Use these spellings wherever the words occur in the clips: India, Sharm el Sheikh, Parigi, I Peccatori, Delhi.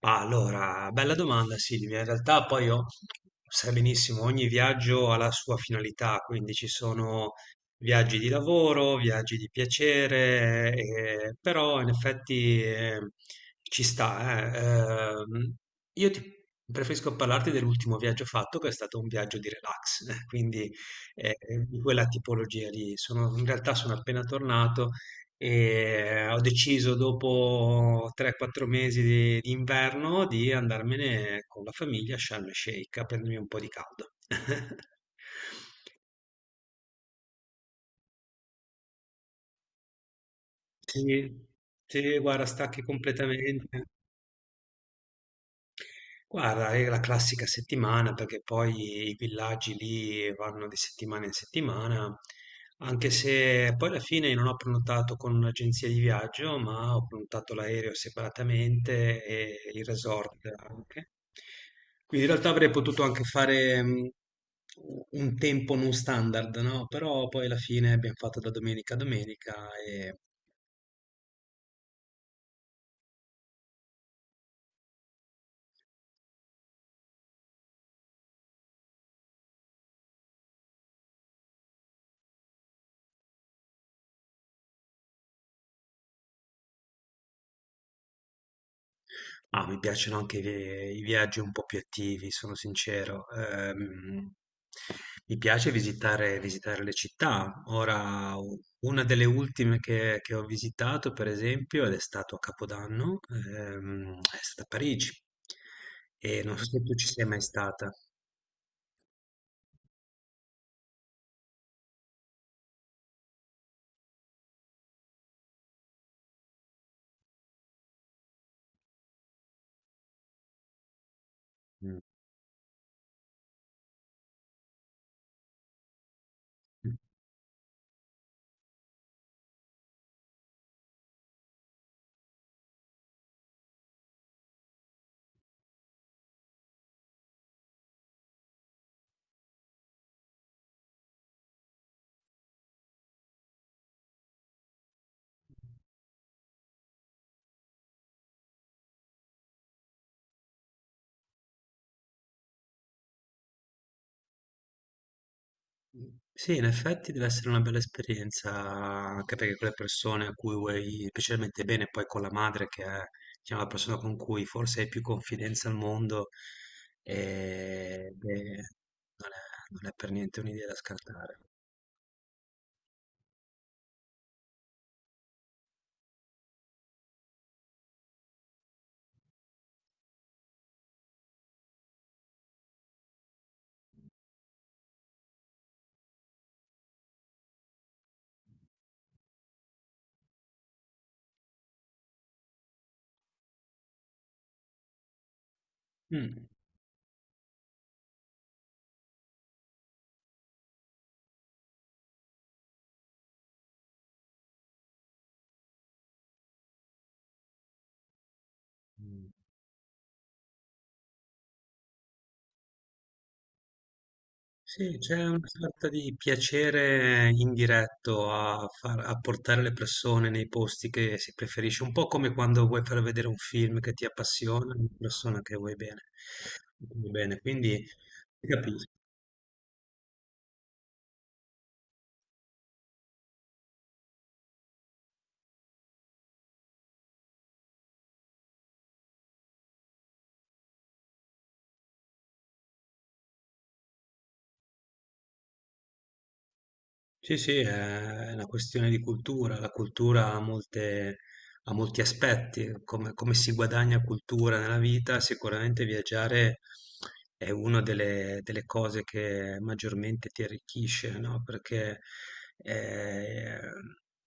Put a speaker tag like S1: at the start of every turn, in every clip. S1: Allora, bella domanda Silvia. In realtà poi io, sai benissimo, ogni viaggio ha la sua finalità, quindi ci sono viaggi di lavoro, viaggi di piacere, però in effetti ci sta. Io ti preferisco parlarti dell'ultimo viaggio fatto, che è stato un viaggio di relax, quindi eh, di quella tipologia lì. In realtà sono appena tornato e ho deciso dopo 3-4 mesi di inverno di andarmene con la famiglia a Sharm el Sheikh a prendermi un po' di caldo. Sì, sì, guarda, stacchi completamente. Guarda, è la classica settimana perché poi i villaggi lì vanno di settimana in settimana, anche se poi alla fine non ho prenotato con un'agenzia di viaggio, ma ho prenotato l'aereo separatamente e il resort anche. Quindi in realtà avrei potuto anche fare un tempo non standard, no? Però poi alla fine abbiamo fatto da domenica a domenica. Ah, mi piacciono anche i viaggi un po' più attivi, sono sincero. Mi piace visitare le città. Ora, una delle ultime che ho visitato, per esempio, ed è stato a Capodanno, è stata Parigi. E non so se tu ci sei mai stata. Mm. Mh, sì, in effetti deve essere una bella esperienza, anche perché con le persone a cui vuoi specialmente bene, poi con la madre che è, diciamo, la persona con cui forse hai più confidenza al mondo, beh, non è per niente un'idea da scartare. Mh. Mh. Sì, c'è una sorta di piacere indiretto a, a portare le persone nei posti che si preferisce, un po' come quando vuoi far vedere un film che ti appassiona, una persona che vuoi bene. Vuoi bene, quindi ti capisco. Sì, sì, è una questione di cultura. La cultura ha molte- Ha molti aspetti. Come si guadagna cultura nella vita, sicuramente viaggiare è una delle cose che maggiormente ti arricchisce, no? Perché eh,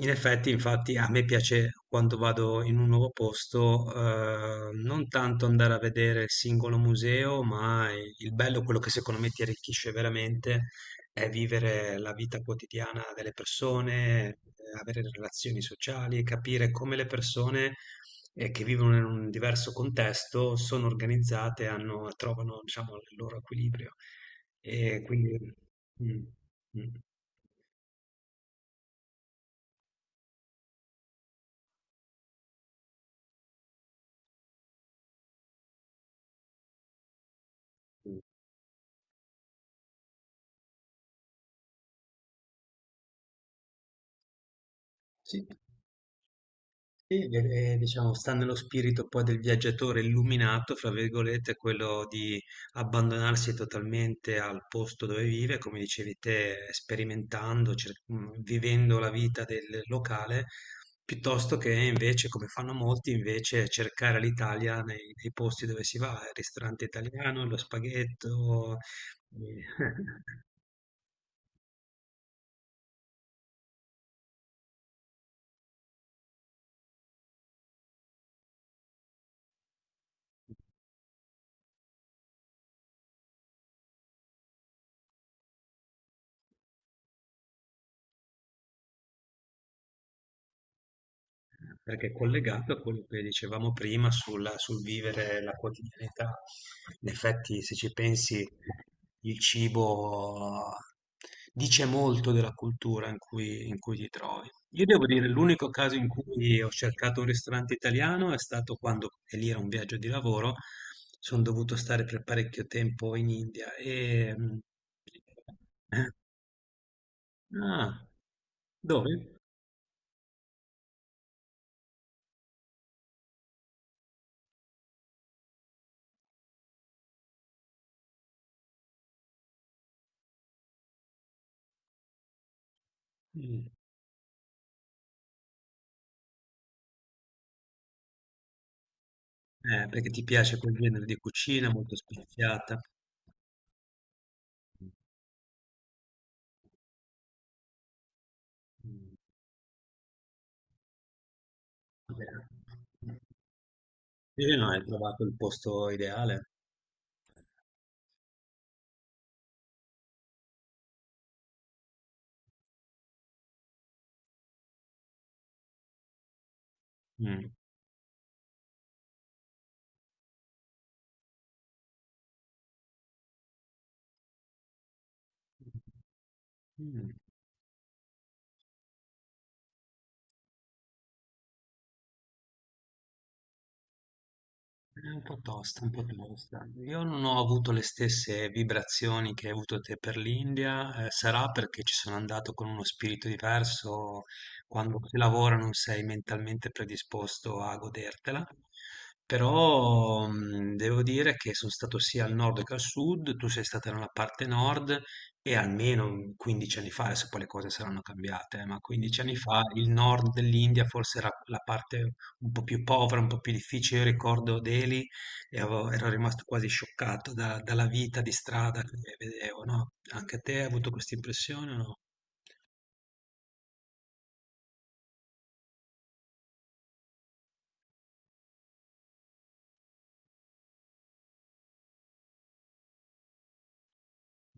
S1: infatti, a me piace quando vado in un nuovo posto, non tanto andare a vedere il singolo museo, ma il bello, quello che secondo me ti arricchisce veramente è vivere la vita quotidiana delle persone, avere relazioni sociali, capire come le persone, che vivono in un diverso contesto sono organizzate, hanno trovano diciamo il loro equilibrio. E quindi mh, mh. Mh. Sì. Sì, diciamo, sta nello spirito poi del viaggiatore illuminato, fra virgolette, quello di abbandonarsi totalmente al posto dove vive, come dicevi te, sperimentando, vivendo la vita del locale, piuttosto che invece, come fanno molti, invece cercare l'Italia nei, nei posti dove si va, il ristorante italiano, lo spaghetto. eh. Perché è collegato a quello che dicevamo prima sul vivere la quotidianità. In effetti, se ci pensi, il cibo dice molto della cultura in cui ti trovi. Io devo dire, l'unico caso in cui ho cercato un ristorante italiano è stato quando, e lì era un viaggio di lavoro, sono dovuto stare per parecchio tempo in India e... eh, Ah, dove? Mm. Perché ti piace quel genere di cucina molto speziata. Mm, mm, va bene. Sì, no, hai trovato il posto ideale. Mm. Mm. È un po' tosta, un po' tosta. Io non ho avuto le stesse vibrazioni che hai avuto te per l'India, sarà perché ci sono andato con uno spirito diverso, quando si lavora non sei mentalmente predisposto a godertela, però devo dire che sono stato sia al nord che al sud, tu sei stata nella parte nord e almeno 15 anni fa, adesso poi le cose saranno cambiate, ma 15 anni fa il nord dell'India forse era la parte un po' più povera, un po' più difficile. Io ricordo Delhi e avevo ero rimasto quasi scioccato da dalla vita di strada che vedevo, no, anche te hai avuto questa impressione o no?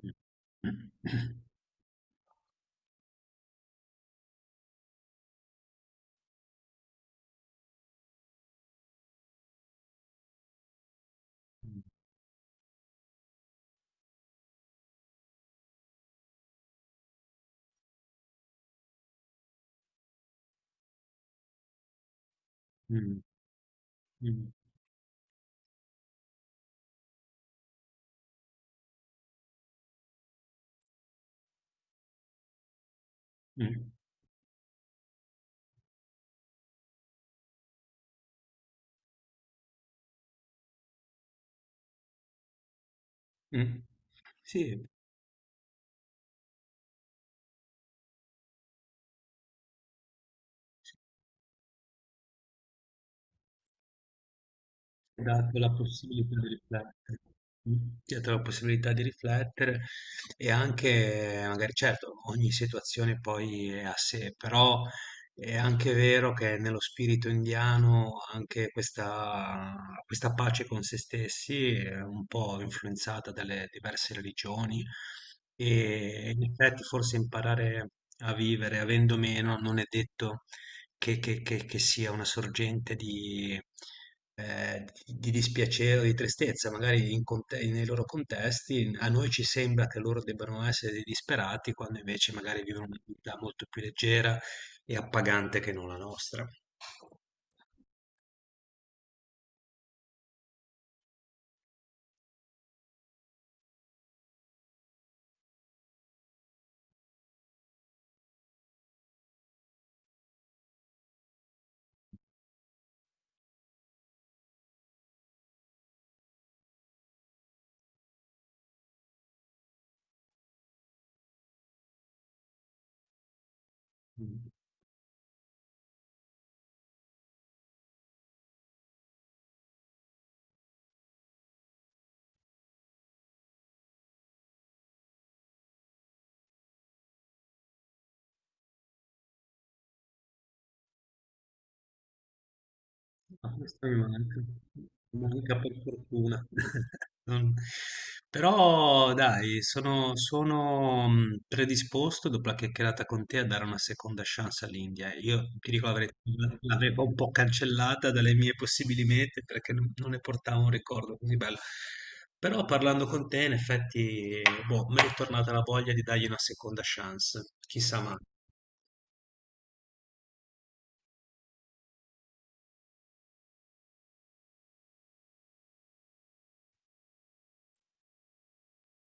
S1: Mh. Mh. Mh. Mh. Mh. Sì. Dato la possibilità di riflettere. Mm. Ti ha dato la possibilità di riflettere e anche, magari, certo, ogni situazione poi è a sé, però è anche vero che nello spirito indiano anche questa pace con se stessi è un po' influenzata dalle diverse religioni e in effetti forse imparare a vivere avendo meno non è detto che sia una sorgente di dispiacere o di tristezza, magari in conte nei loro contesti, a noi ci sembra che loro debbano essere dei disperati, quando invece magari vivono una vita molto più leggera e appagante che non la nostra. Mh. No, questa mi manca. Mi manca per fortuna. Non- Però dai, sono predisposto dopo la chiacchierata con te a dare una seconda chance all'India. Io ti dico la verità, l'avevo un po' cancellata dalle mie possibili mete perché non ne portavo un ricordo così bello. Però parlando con te, in effetti, boh, mi è ritornata la voglia di dargli una seconda chance. Chissà mai.